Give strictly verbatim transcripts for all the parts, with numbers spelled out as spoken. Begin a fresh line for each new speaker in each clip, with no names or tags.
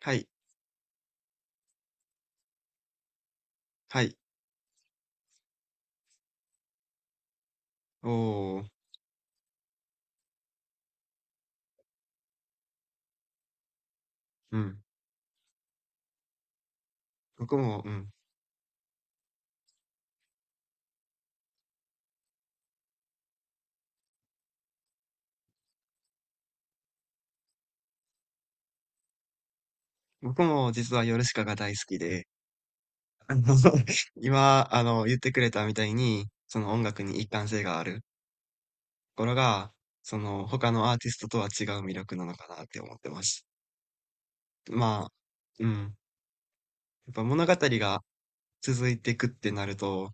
はい。はい。おお、うん。僕も、うん。僕も実はヨルシカが大好きで、あの、今、あの、言ってくれたみたいに、その音楽に一貫性があるところが、その他のアーティストとは違う魅力なのかなって思ってます。まあ、うん。やっぱ物語が続いていくってなると、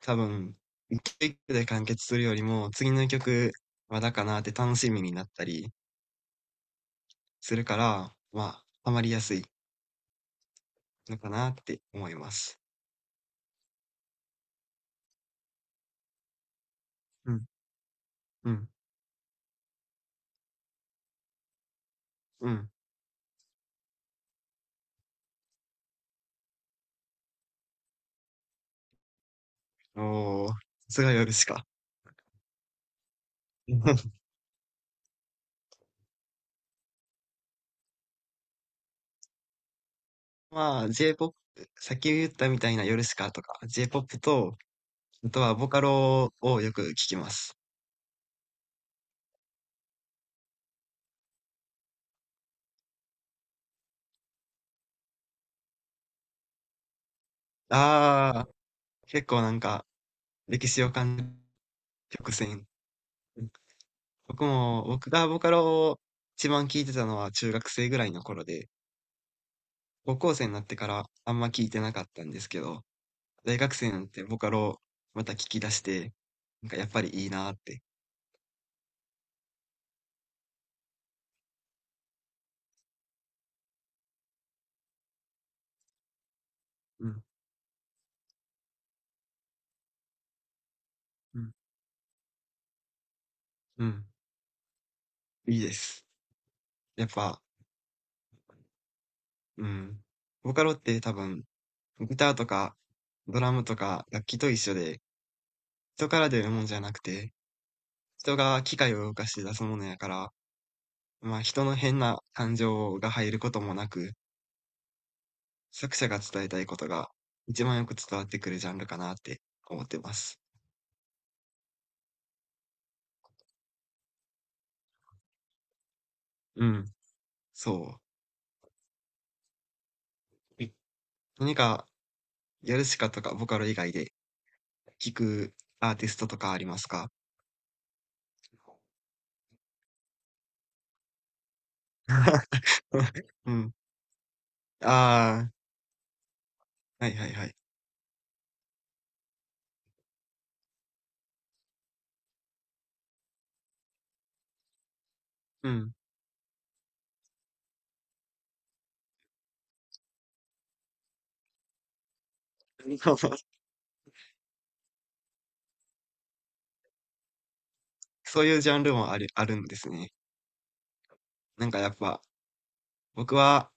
多分、一曲で完結するよりも、次の曲まだかなって楽しみになったりするから、まあ、ハマりやすいのかなって思います。うん、うん、うん。おお、さすがヨルシカ。まあ、J-ポップ、先言ったみたいなヨルシカとか、J-ポップ と、あとはボカロをよく聞きます。ああ、結構なんか、歴史を感じる曲線。僕も、僕がボカロを一番聞いてたのは中学生ぐらいの頃で、高校生になってからあんま聞いてなかったんですけど、大学生になってボカロをまた聞き出して、なんかやっぱりいいなーって。うん、うん、うん、いいです。やっぱ、うん。ボカロって多分、ギターとか、ドラムとか、楽器と一緒で、人から出るもんじゃなくて、人が機械を動かして出すものやから、まあ人の変な感情が入ることもなく、作者が伝えたいことが一番よく伝わってくるジャンルかなって思ってます。うん。そう。え何か、ヨルシカとかボカロ以外で聴くアーティストとかありますか？ うん。ああ、はいはいはい。うん。そういうジャンルもある、あるんですね。なんかやっぱ、僕は、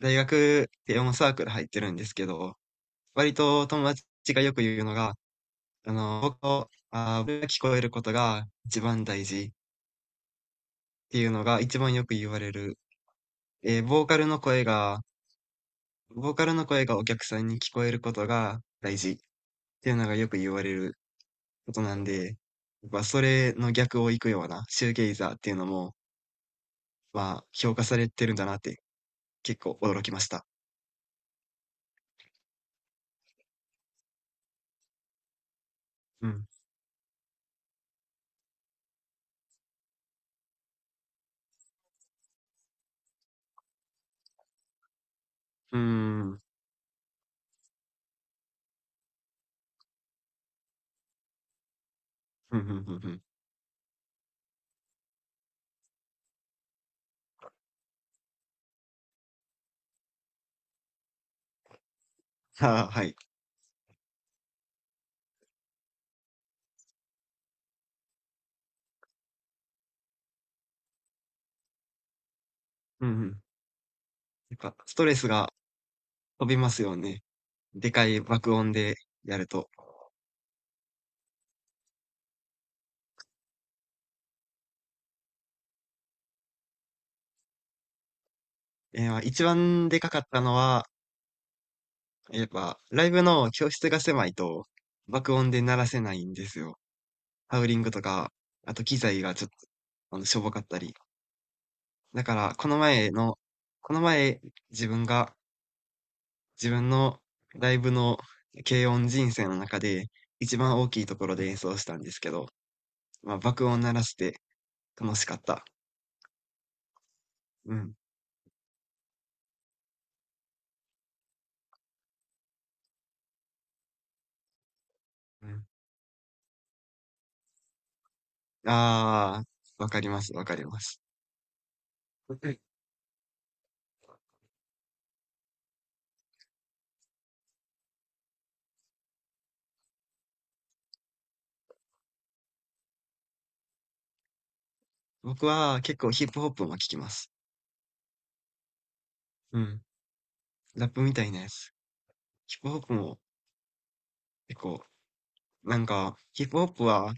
大学で音サークル入ってるんですけど、割と友達がよく言うのが、あの、僕の、あー、僕が聞こえることが一番大事っていうのが一番よく言われる。えーボーカルの声が、ボーカルの声がお客さんに聞こえることが大事っていうのがよく言われることなんで、やっぱそれの逆を行くようなシューゲイザーっていうのも、まあ、評価されてるんだなって結構驚きました。うん。うーん。ふんふんふんふん。ああ、はい。うんうん。なんか、ストレスが飛びますよね。でかい爆音でやると。え、ま、一番でかかったのは、やっぱライブの教室が狭いと、爆音で鳴らせないんですよ。ハウリングとか、あと機材がちょっと、あの、しょぼかったり。だから、この前のこの前、自分が、自分のライブの軽音人生の中で、一番大きいところで演奏したんですけど、まあ、爆音鳴らして楽しかった。うん。うん。ああ、わかります、わかります。うん。僕は結構ヒップホップも聞きます。うん。ラップみたいなやつ。ヒップホップも結構、なんか、ヒップホップは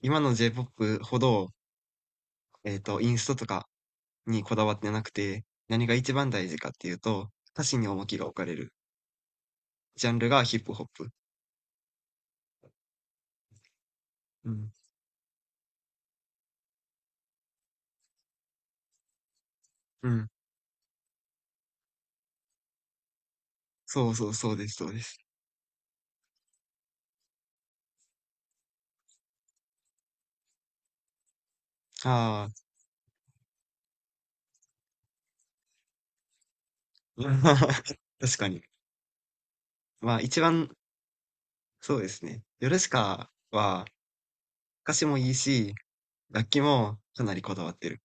今の J-ポップ ほど、えっと、インストとかにこだわってなくて、何が一番大事かっていうと、歌詞に重きが置かれるジャンルがヒップホップ。うん。うん。そうそう、そうです、そうです。ああ、うん。 確かに。まあ一番、そうですね。ヨルシカは、歌詞もいいし、楽器もかなりこだわってる。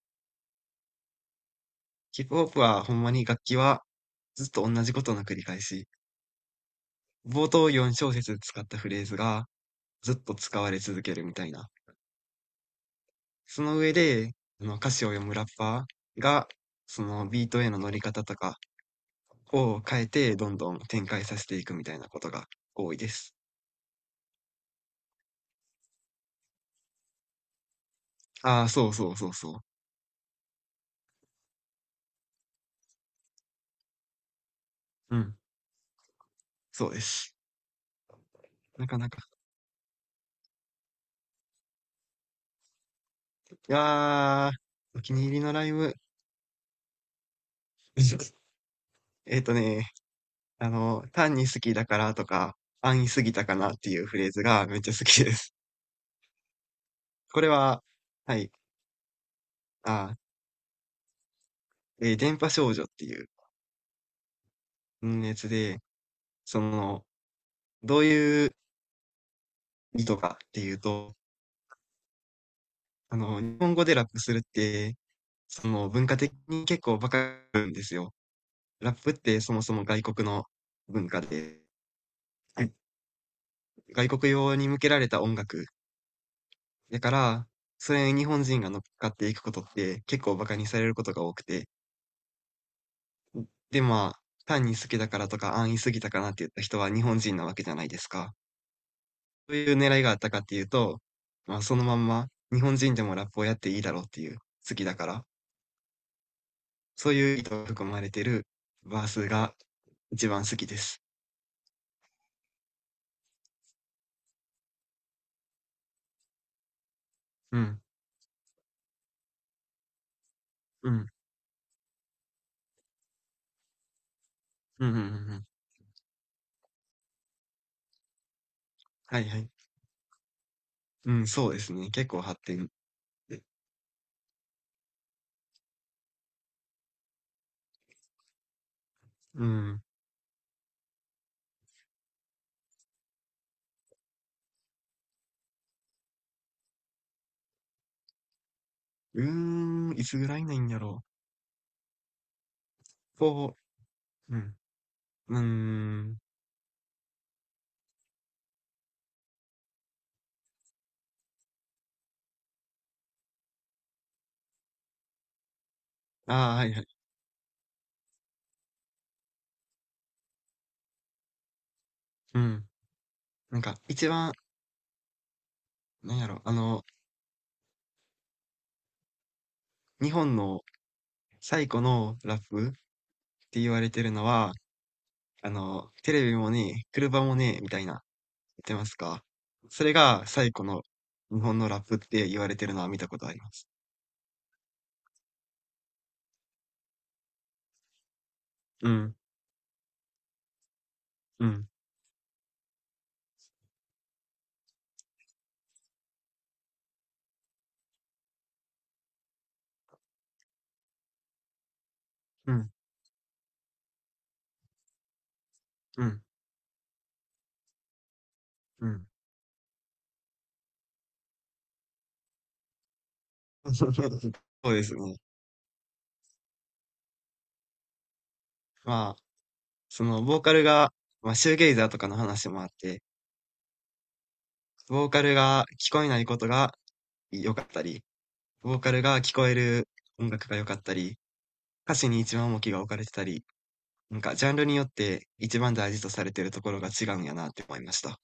ヒップホップはほんまに楽器はずっと同じことの繰り返し。冒頭よん小節使ったフレーズがずっと使われ続けるみたいな。その上で、あの歌詞を読むラッパーが、そのビートへの乗り方とかを変えてどんどん展開させていくみたいなことが多いです。ああ、そうそうそうそう。うん、そうです。なかなか。いやー、お気に入りのライブ。えっとね、あの、単に好きだからとか、安易すぎたかなっていうフレーズがめっちゃ好きです。これは、はい、あ、えー電波少女っていううんやつで、その、どういう意図かっていうと、あの、日本語でラップするって、その文化的に結構バカなんですよ。ラップってそもそも外国の文化で、はい、外国用に向けられた音楽。だから、それに日本人が乗っかっていくことって結構バカにされることが多くて、で、まあ、単に好きだからとか、安易すぎたかなって言った人は日本人なわけじゃないですか。そういう狙いがあったかっていうと、まあ、そのまんま日本人でもラップをやっていいだろうっていう、好きだから、そういう意図が含まれてるバースが一番好きです。うん。うん。うんうんうんうん。はいはい。うん、そうですね。結構発展。うん。うーん、いつぐらいなんやろう。こう、うん。うーん。ああ、はいはい。うん。なんか、一番、なんやろ、あの、日本の最古のラップって言われてるのは、あの、テレビもね車もねみたいな、言ってますか？それが最古の日本のラップって言われてるのは見たことあります。うん、うん、うん、うん、うん。そうですね。まあ、その、ボーカルが、まあ、シューゲイザーとかの話もあって、ボーカルが聞こえないことが良かったり、ボーカルが聞こえる音楽が良かったり、歌詞に一番重きが置かれてたり、なんかジャンルによって一番大事とされているところが違うんやなって思いました。